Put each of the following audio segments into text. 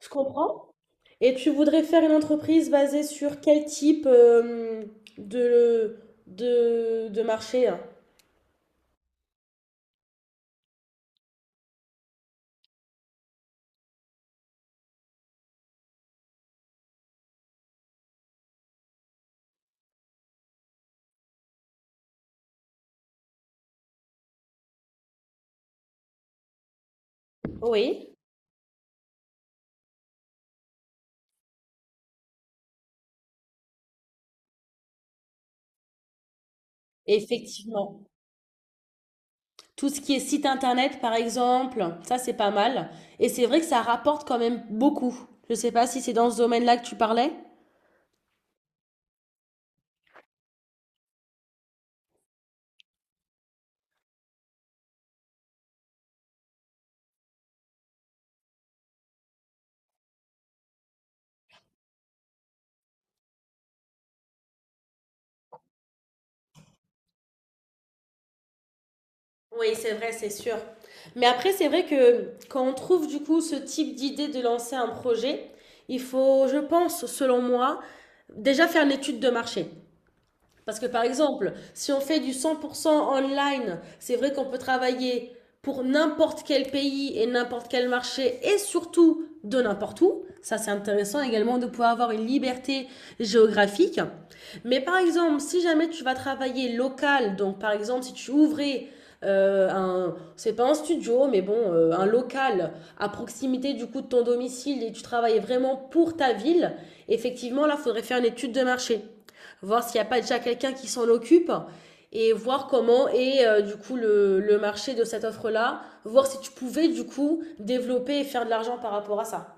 Je comprends. Et tu voudrais faire une entreprise basée sur quel type de, de marché? Hein Oui, effectivement. Tout ce qui est site internet, par exemple, ça c'est pas mal. Et c'est vrai que ça rapporte quand même beaucoup. Je sais pas si c'est dans ce domaine-là que tu parlais. Oui, c'est vrai, c'est sûr. Mais après, c'est vrai que quand on trouve du coup ce type d'idée de lancer un projet, il faut, je pense, selon moi, déjà faire une étude de marché. Parce que par exemple, si on fait du 100% online, c'est vrai qu'on peut travailler pour n'importe quel pays et n'importe quel marché et surtout de n'importe où. Ça, c'est intéressant également de pouvoir avoir une liberté géographique. Mais par exemple, si jamais tu vas travailler local, donc par exemple, si tu ouvrais c'est pas un studio, mais bon, un local à proximité du coup de ton domicile et tu travaillais vraiment pour ta ville, effectivement, là, il faudrait faire une étude de marché, voir s'il n'y a pas déjà quelqu'un qui s'en occupe et voir comment est du coup le marché de cette offre-là, voir si tu pouvais du coup développer et faire de l'argent par rapport à ça.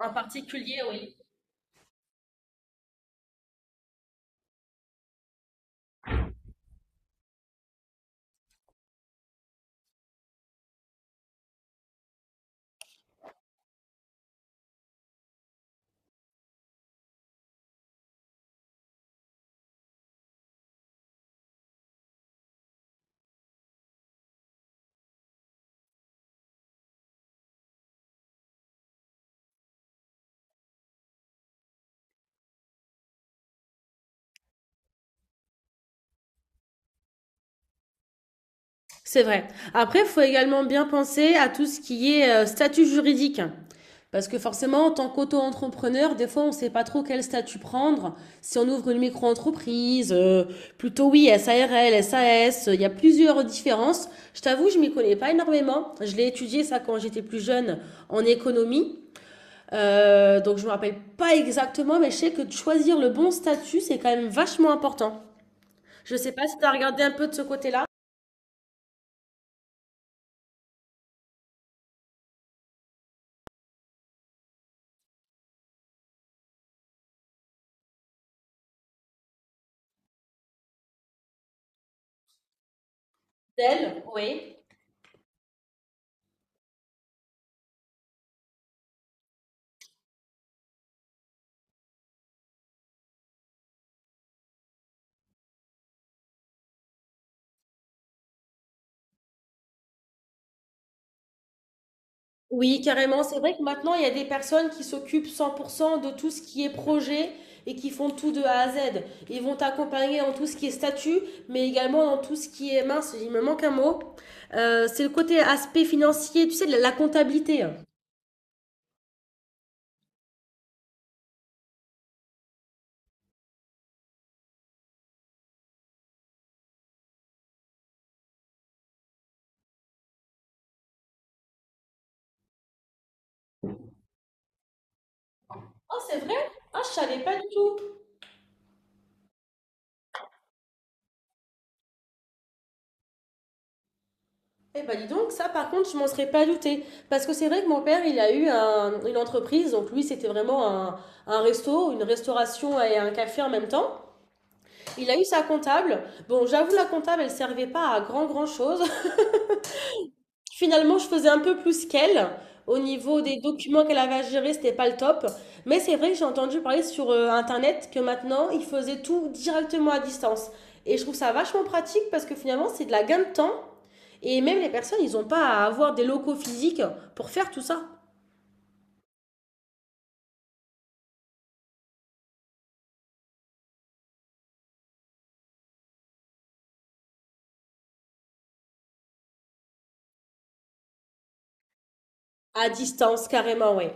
En particulier, oui. C'est vrai. Après, il faut également bien penser à tout ce qui est statut juridique. Parce que forcément, en tant qu'auto-entrepreneur, des fois, on ne sait pas trop quel statut prendre. Si on ouvre une micro-entreprise, plutôt oui, SARL, SAS, il y a plusieurs différences. Je t'avoue, je ne m'y connais pas énormément. Je l'ai étudié ça quand j'étais plus jeune, en économie. Donc je ne me rappelle pas exactement, mais je sais que de choisir le bon statut, c'est quand même vachement important. Je ne sais pas si tu as regardé un peu de ce côté-là. D'elle, oui. Oui, carrément. C'est vrai que maintenant, il y a des personnes qui s'occupent 100% de tout ce qui est projet et qui font tout de A à Z. Ils vont t'accompagner dans tout ce qui est statut, mais également dans tout ce qui est mince. Il me manque un mot. C'est le côté aspect financier, tu sais, de la comptabilité. Oh, c'est vrai? Ah, je savais pas du tout. Eh ben, dis donc, ça, par contre, je m'en serais pas douté. Parce que c'est vrai que mon père, il a eu une entreprise. Donc, lui, c'était vraiment un resto, une restauration et un café en même temps. Il a eu sa comptable. Bon, j'avoue, la comptable, elle servait pas à grand grand chose. Finalement, je faisais un peu plus qu'elle. Au niveau des documents qu'elle avait à gérer, c'était pas le top. Mais c'est vrai que j'ai entendu parler sur Internet que maintenant, ils faisaient tout directement à distance. Et je trouve ça vachement pratique parce que finalement, c'est de la gain de temps. Et même les personnes, ils n'ont pas à avoir des locaux physiques pour faire tout ça. À distance, carrément, ouais.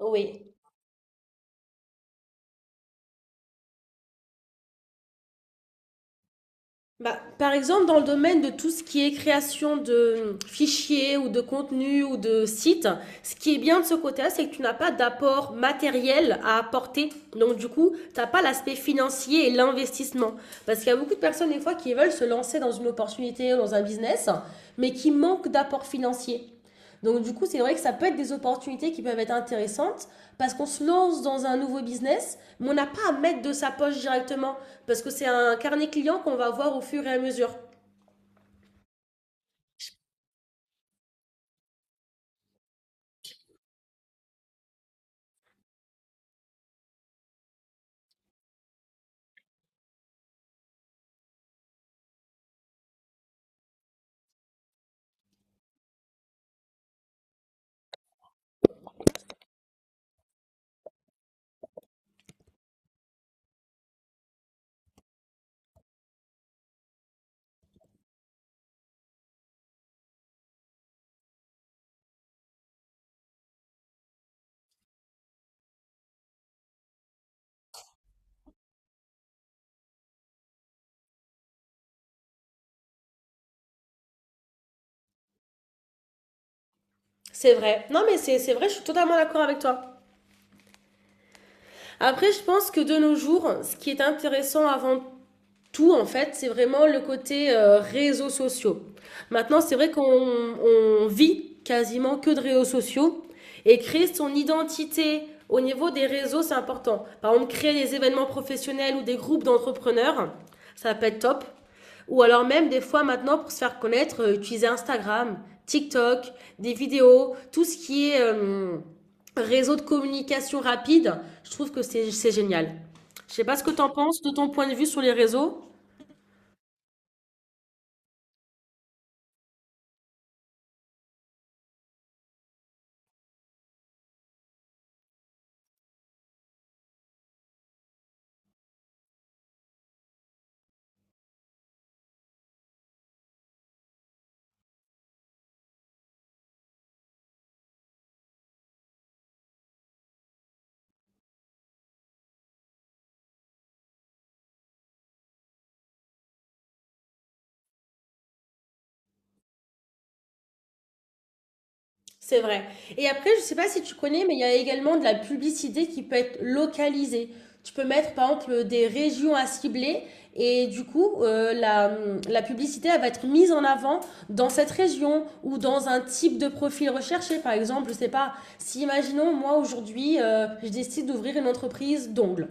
Oui. Bah, par exemple, dans le domaine de tout ce qui est création de fichiers ou de contenus ou de sites, ce qui est bien de ce côté-là, c'est que tu n'as pas d'apport matériel à apporter. Donc, du coup, tu n'as pas l'aspect financier et l'investissement. Parce qu'il y a beaucoup de personnes, des fois, qui veulent se lancer dans une opportunité ou dans un business, mais qui manquent d'apport financier. Donc, du coup, c'est vrai que ça peut être des opportunités qui peuvent être intéressantes, parce qu'on se lance dans un nouveau business, mais on n'a pas à mettre de sa poche directement. Parce que c'est un carnet client qu'on va voir au fur et à mesure. C'est vrai. Non, mais c'est vrai, je suis totalement d'accord avec toi. Après, je pense que de nos jours, ce qui est intéressant avant tout, en fait, c'est vraiment le côté réseaux sociaux. Maintenant, c'est vrai qu'on on vit quasiment que de réseaux sociaux et créer son identité au niveau des réseaux, c'est important. Par exemple, créer des événements professionnels ou des groupes d'entrepreneurs, ça peut être top. Ou alors même des fois maintenant pour se faire connaître, utiliser Instagram, TikTok, des vidéos, tout ce qui est réseau de communication rapide, je trouve que c'est génial. Je sais pas ce que tu en penses de ton point de vue sur les réseaux. C'est vrai. Et après, je sais pas si tu connais, mais il y a également de la publicité qui peut être localisée. Tu peux mettre, par exemple, des régions à cibler et du coup, la publicité, elle va être mise en avant dans cette région ou dans un type de profil recherché. Par exemple, je sais pas, si imaginons, moi, aujourd'hui, je décide d'ouvrir une entreprise d'ongles.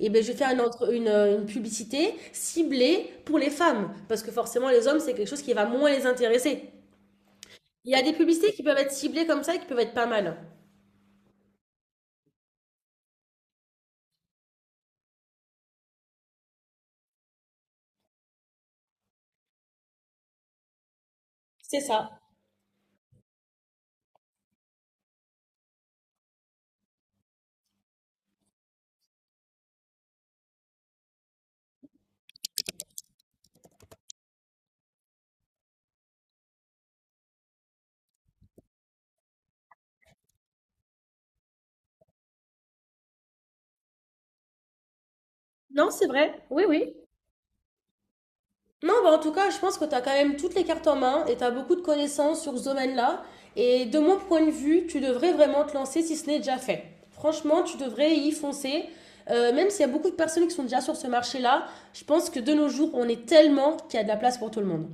Et ben, je vais faire une publicité ciblée pour les femmes parce que forcément, les hommes, c'est quelque chose qui va moins les intéresser. Il y a des publicités qui peuvent être ciblées comme ça et qui peuvent être pas mal. C'est ça. Non, c'est vrai. Oui, oui. Non, bah en tout cas, je pense que tu as quand même toutes les cartes en main et tu as beaucoup de connaissances sur ce domaine-là. Et de mon point de vue, tu devrais vraiment te lancer si ce n'est déjà fait. Franchement, tu devrais y foncer. Même s'il y a beaucoup de personnes qui sont déjà sur ce marché-là, je pense que de nos jours, on est tellement qu'il y a de la place pour tout le monde.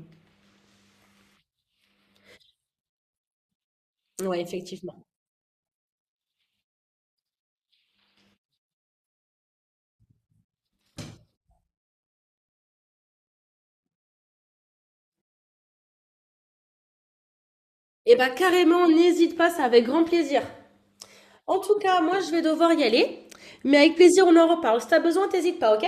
Ouais, effectivement. Et bah carrément, n'hésite pas, c'est avec grand plaisir. En tout cas, moi, je vais devoir y aller. Mais avec plaisir, on en reparle. Si t'as besoin, t'hésites pas, ok?